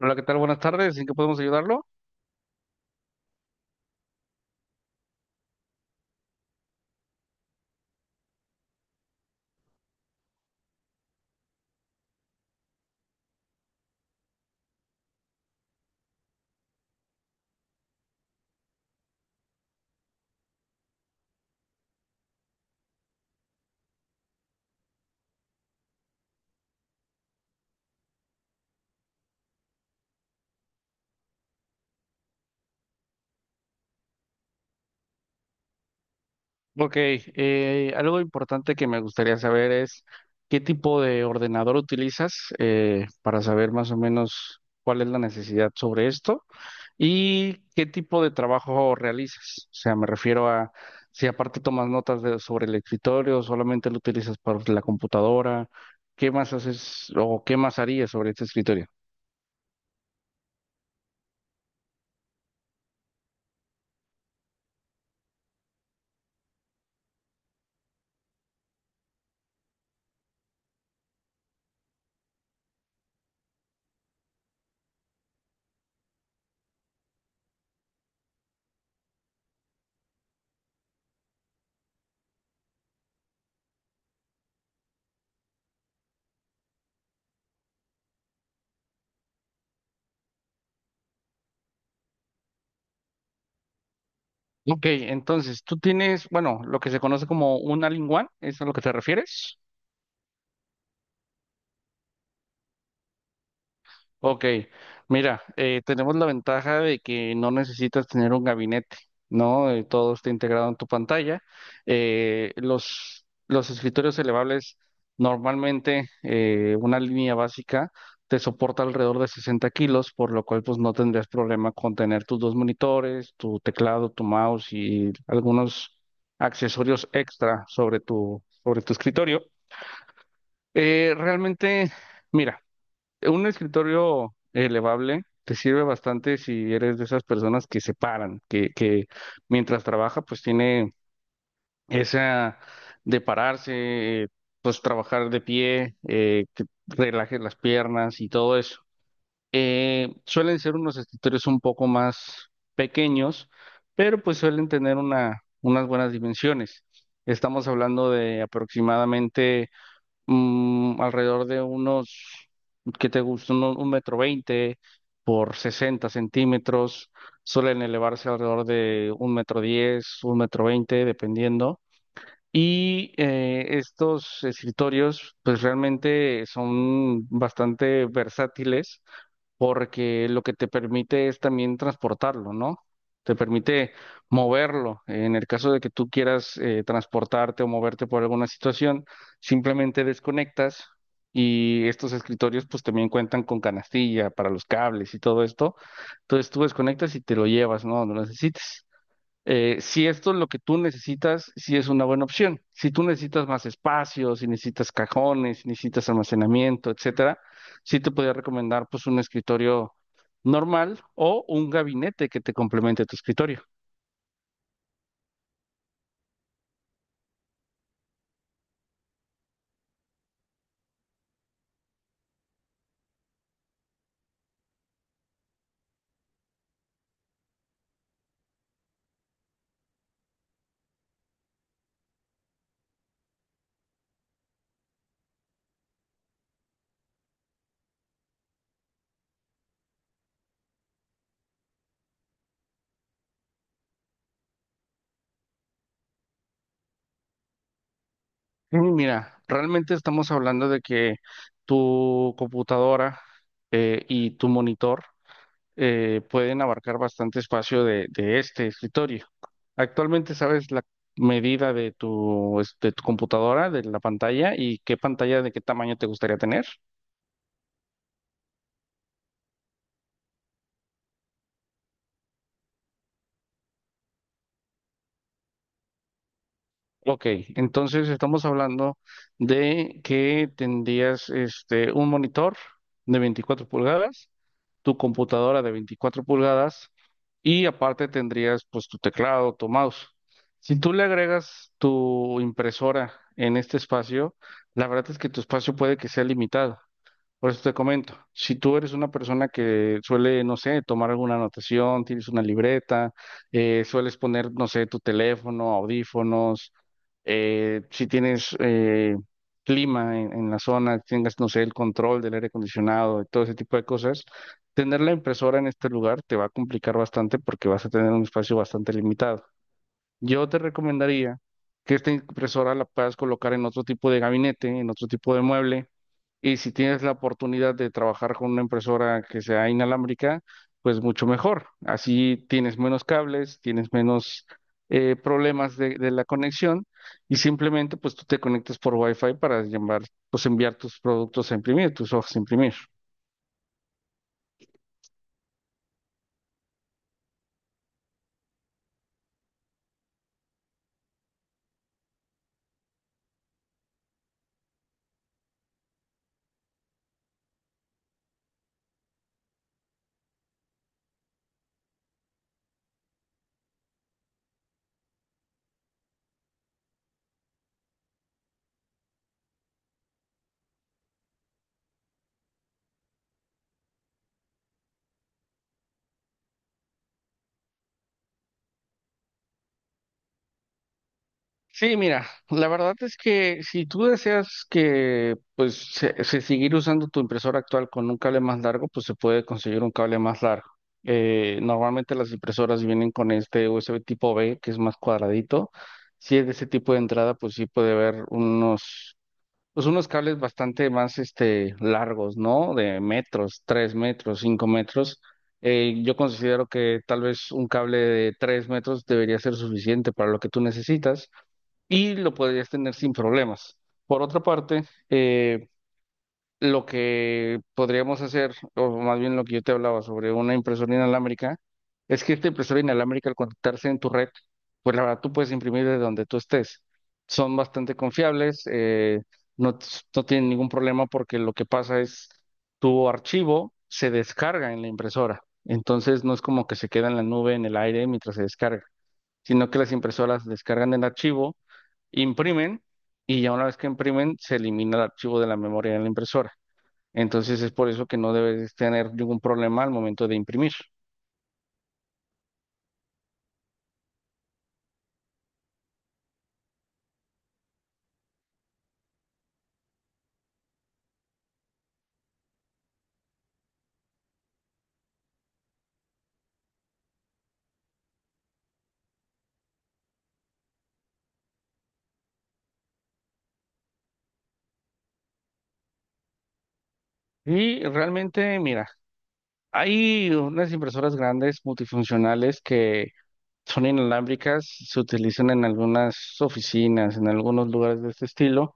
Hola, ¿qué tal? Buenas tardes. ¿En qué podemos ayudarlo? Ok, algo importante que me gustaría saber es qué tipo de ordenador utilizas para saber más o menos cuál es la necesidad sobre esto y qué tipo de trabajo realizas. O sea, me refiero a si aparte tomas notas sobre el escritorio, solamente lo utilizas para la computadora, ¿qué más haces o qué más harías sobre este escritorio? Ok, entonces tú tienes, bueno, lo que se conoce como un all-in-one, ¿es a lo que te refieres? Ok, mira, tenemos la ventaja de que no necesitas tener un gabinete, ¿no? Todo está integrado en tu pantalla. Los escritorios elevables, normalmente una línea básica te soporta alrededor de 60 kilos, por lo cual pues no tendrías problema con tener tus dos monitores, tu teclado, tu mouse y algunos accesorios extra sobre tu escritorio. Realmente, mira. Un escritorio elevable te sirve bastante si eres de esas personas que se paran, que mientras trabaja pues tiene esa de pararse, pues trabajar de pie, que relaje las piernas y todo eso. Suelen ser unos escritorios un poco más pequeños, pero pues suelen tener unas buenas dimensiones. Estamos hablando de aproximadamente alrededor de unos, ¿qué te gusta? Metro veinte por 60 centímetros, suelen elevarse alrededor de un metro diez, un metro veinte, dependiendo. Y estos escritorios, pues realmente son bastante versátiles porque lo que te permite es también transportarlo, ¿no? Te permite moverlo. En el caso de que tú quieras transportarte o moverte por alguna situación, simplemente desconectas y estos escritorios pues también cuentan con canastilla para los cables y todo esto. Entonces tú desconectas y te lo llevas, ¿no? No lo necesites si esto es lo que tú necesitas, sí es una buena opción. Si tú necesitas más espacio, si necesitas cajones, si necesitas almacenamiento, etcétera, sí te podría recomendar pues un escritorio normal o un gabinete que te complemente tu escritorio. Y mira, realmente estamos hablando de que tu computadora y tu monitor pueden abarcar bastante espacio de este escritorio. Actualmente sabes la medida de de tu computadora, de la pantalla y qué pantalla de qué tamaño te gustaría tener. Ok, entonces estamos hablando de que tendrías este, un monitor de 24 pulgadas, tu computadora de 24 pulgadas y aparte tendrías pues tu teclado, tu mouse. Si tú le agregas tu impresora en este espacio, la verdad es que tu espacio puede que sea limitado. Por eso te comento, si tú eres una persona que suele, no sé, tomar alguna anotación, tienes una libreta, sueles poner, no sé, tu teléfono, audífonos, si tienes clima en la zona, tengas, no sé, el control del aire acondicionado y todo ese tipo de cosas, tener la impresora en este lugar te va a complicar bastante porque vas a tener un espacio bastante limitado. Yo te recomendaría que esta impresora la puedas colocar en otro tipo de gabinete, en otro tipo de mueble y si tienes la oportunidad de trabajar con una impresora que sea inalámbrica, pues mucho mejor. Así tienes menos cables, tienes menos problemas de la conexión y simplemente pues tú te conectas por Wi-Fi para llamar, pues enviar tus productos a imprimir, tus hojas a imprimir. Sí, mira, la verdad es que si tú deseas que se seguir usando tu impresora actual con un cable más largo, pues se puede conseguir un cable más largo. Normalmente las impresoras vienen con este USB tipo B, que es más cuadradito. Si es de ese tipo de entrada, pues sí puede haber pues unos cables bastante más este largos, ¿no? De metros, tres metros, cinco metros. Yo considero que tal vez un cable de tres metros debería ser suficiente para lo que tú necesitas y lo podrías tener sin problemas. Por otra parte, eh, lo que podríamos hacer, o más bien lo que yo te hablaba sobre una impresora inalámbrica, es que esta impresora inalámbrica al conectarse en tu red, pues la verdad tú puedes imprimir de donde tú estés. Son bastante confiables, no, t- no tienen ningún problema porque lo que pasa es tu archivo se descarga en la impresora. Entonces no es como que se queda en la nube, en el aire mientras se descarga, sino que las impresoras descargan el archivo imprimen y ya una vez que imprimen se elimina el archivo de la memoria de la impresora. Entonces es por eso que no debes tener ningún problema al momento de imprimir. Y realmente, mira, hay unas impresoras grandes multifuncionales que son inalámbricas, se utilizan en algunas oficinas, en algunos lugares de este estilo.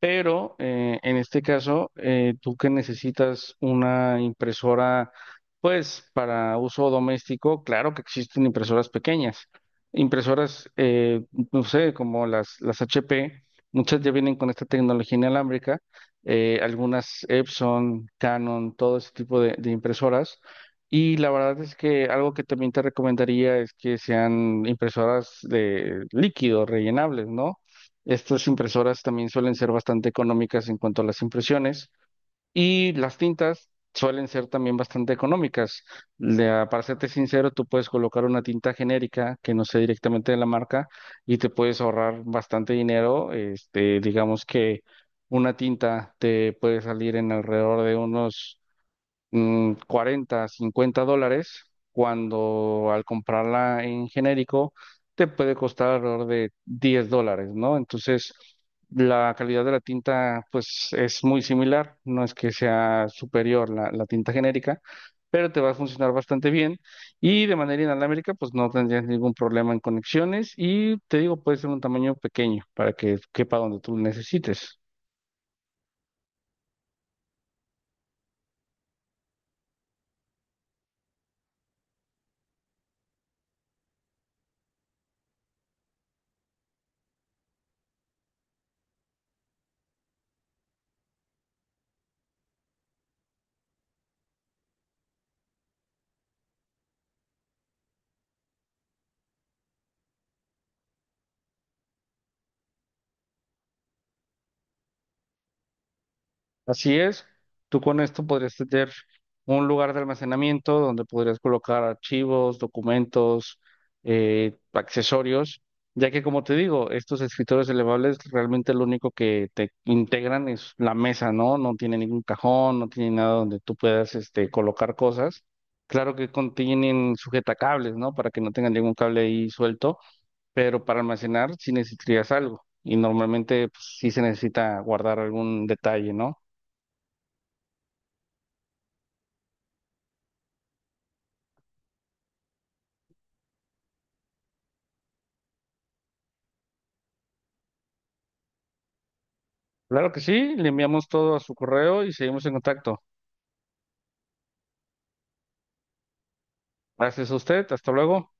Pero en este caso, tú que necesitas una impresora, pues para uso doméstico, claro que existen impresoras pequeñas. Impresoras, no sé, como las HP, muchas ya vienen con esta tecnología inalámbrica, algunas Epson, Canon, todo ese tipo de impresoras. Y la verdad es que algo que también te recomendaría es que sean impresoras de líquido, rellenables, ¿no? Estas impresoras también suelen ser bastante económicas en cuanto a las impresiones y las tintas suelen ser también bastante económicas. Para serte sincero, tú puedes colocar una tinta genérica que no sea directamente de la marca y te puedes ahorrar bastante dinero. Este, digamos que una tinta te puede salir en alrededor de unos 40, 50 dólares, cuando al comprarla en genérico te puede costar alrededor de 10 dólares, ¿no? Entonces, la calidad de la tinta, pues, es muy similar, no es que sea superior la tinta genérica, pero te va a funcionar bastante bien y de manera inalámbrica, pues, no tendrías ningún problema en conexiones y te digo, puede ser un tamaño pequeño para que quepa donde tú necesites. Así es, tú con esto podrías tener un lugar de almacenamiento donde podrías colocar archivos, documentos, accesorios, ya que como te digo, estos escritorios elevables realmente lo único que te integran es la mesa, ¿no? No tiene ningún cajón, no tiene nada donde tú puedas este, colocar cosas. Claro que contienen sujetacables, ¿no? Para que no tengan ningún cable ahí suelto, pero para almacenar sí necesitarías algo y normalmente pues, sí se necesita guardar algún detalle, ¿no? Claro que sí, le enviamos todo a su correo y seguimos en contacto. Gracias a usted, hasta luego.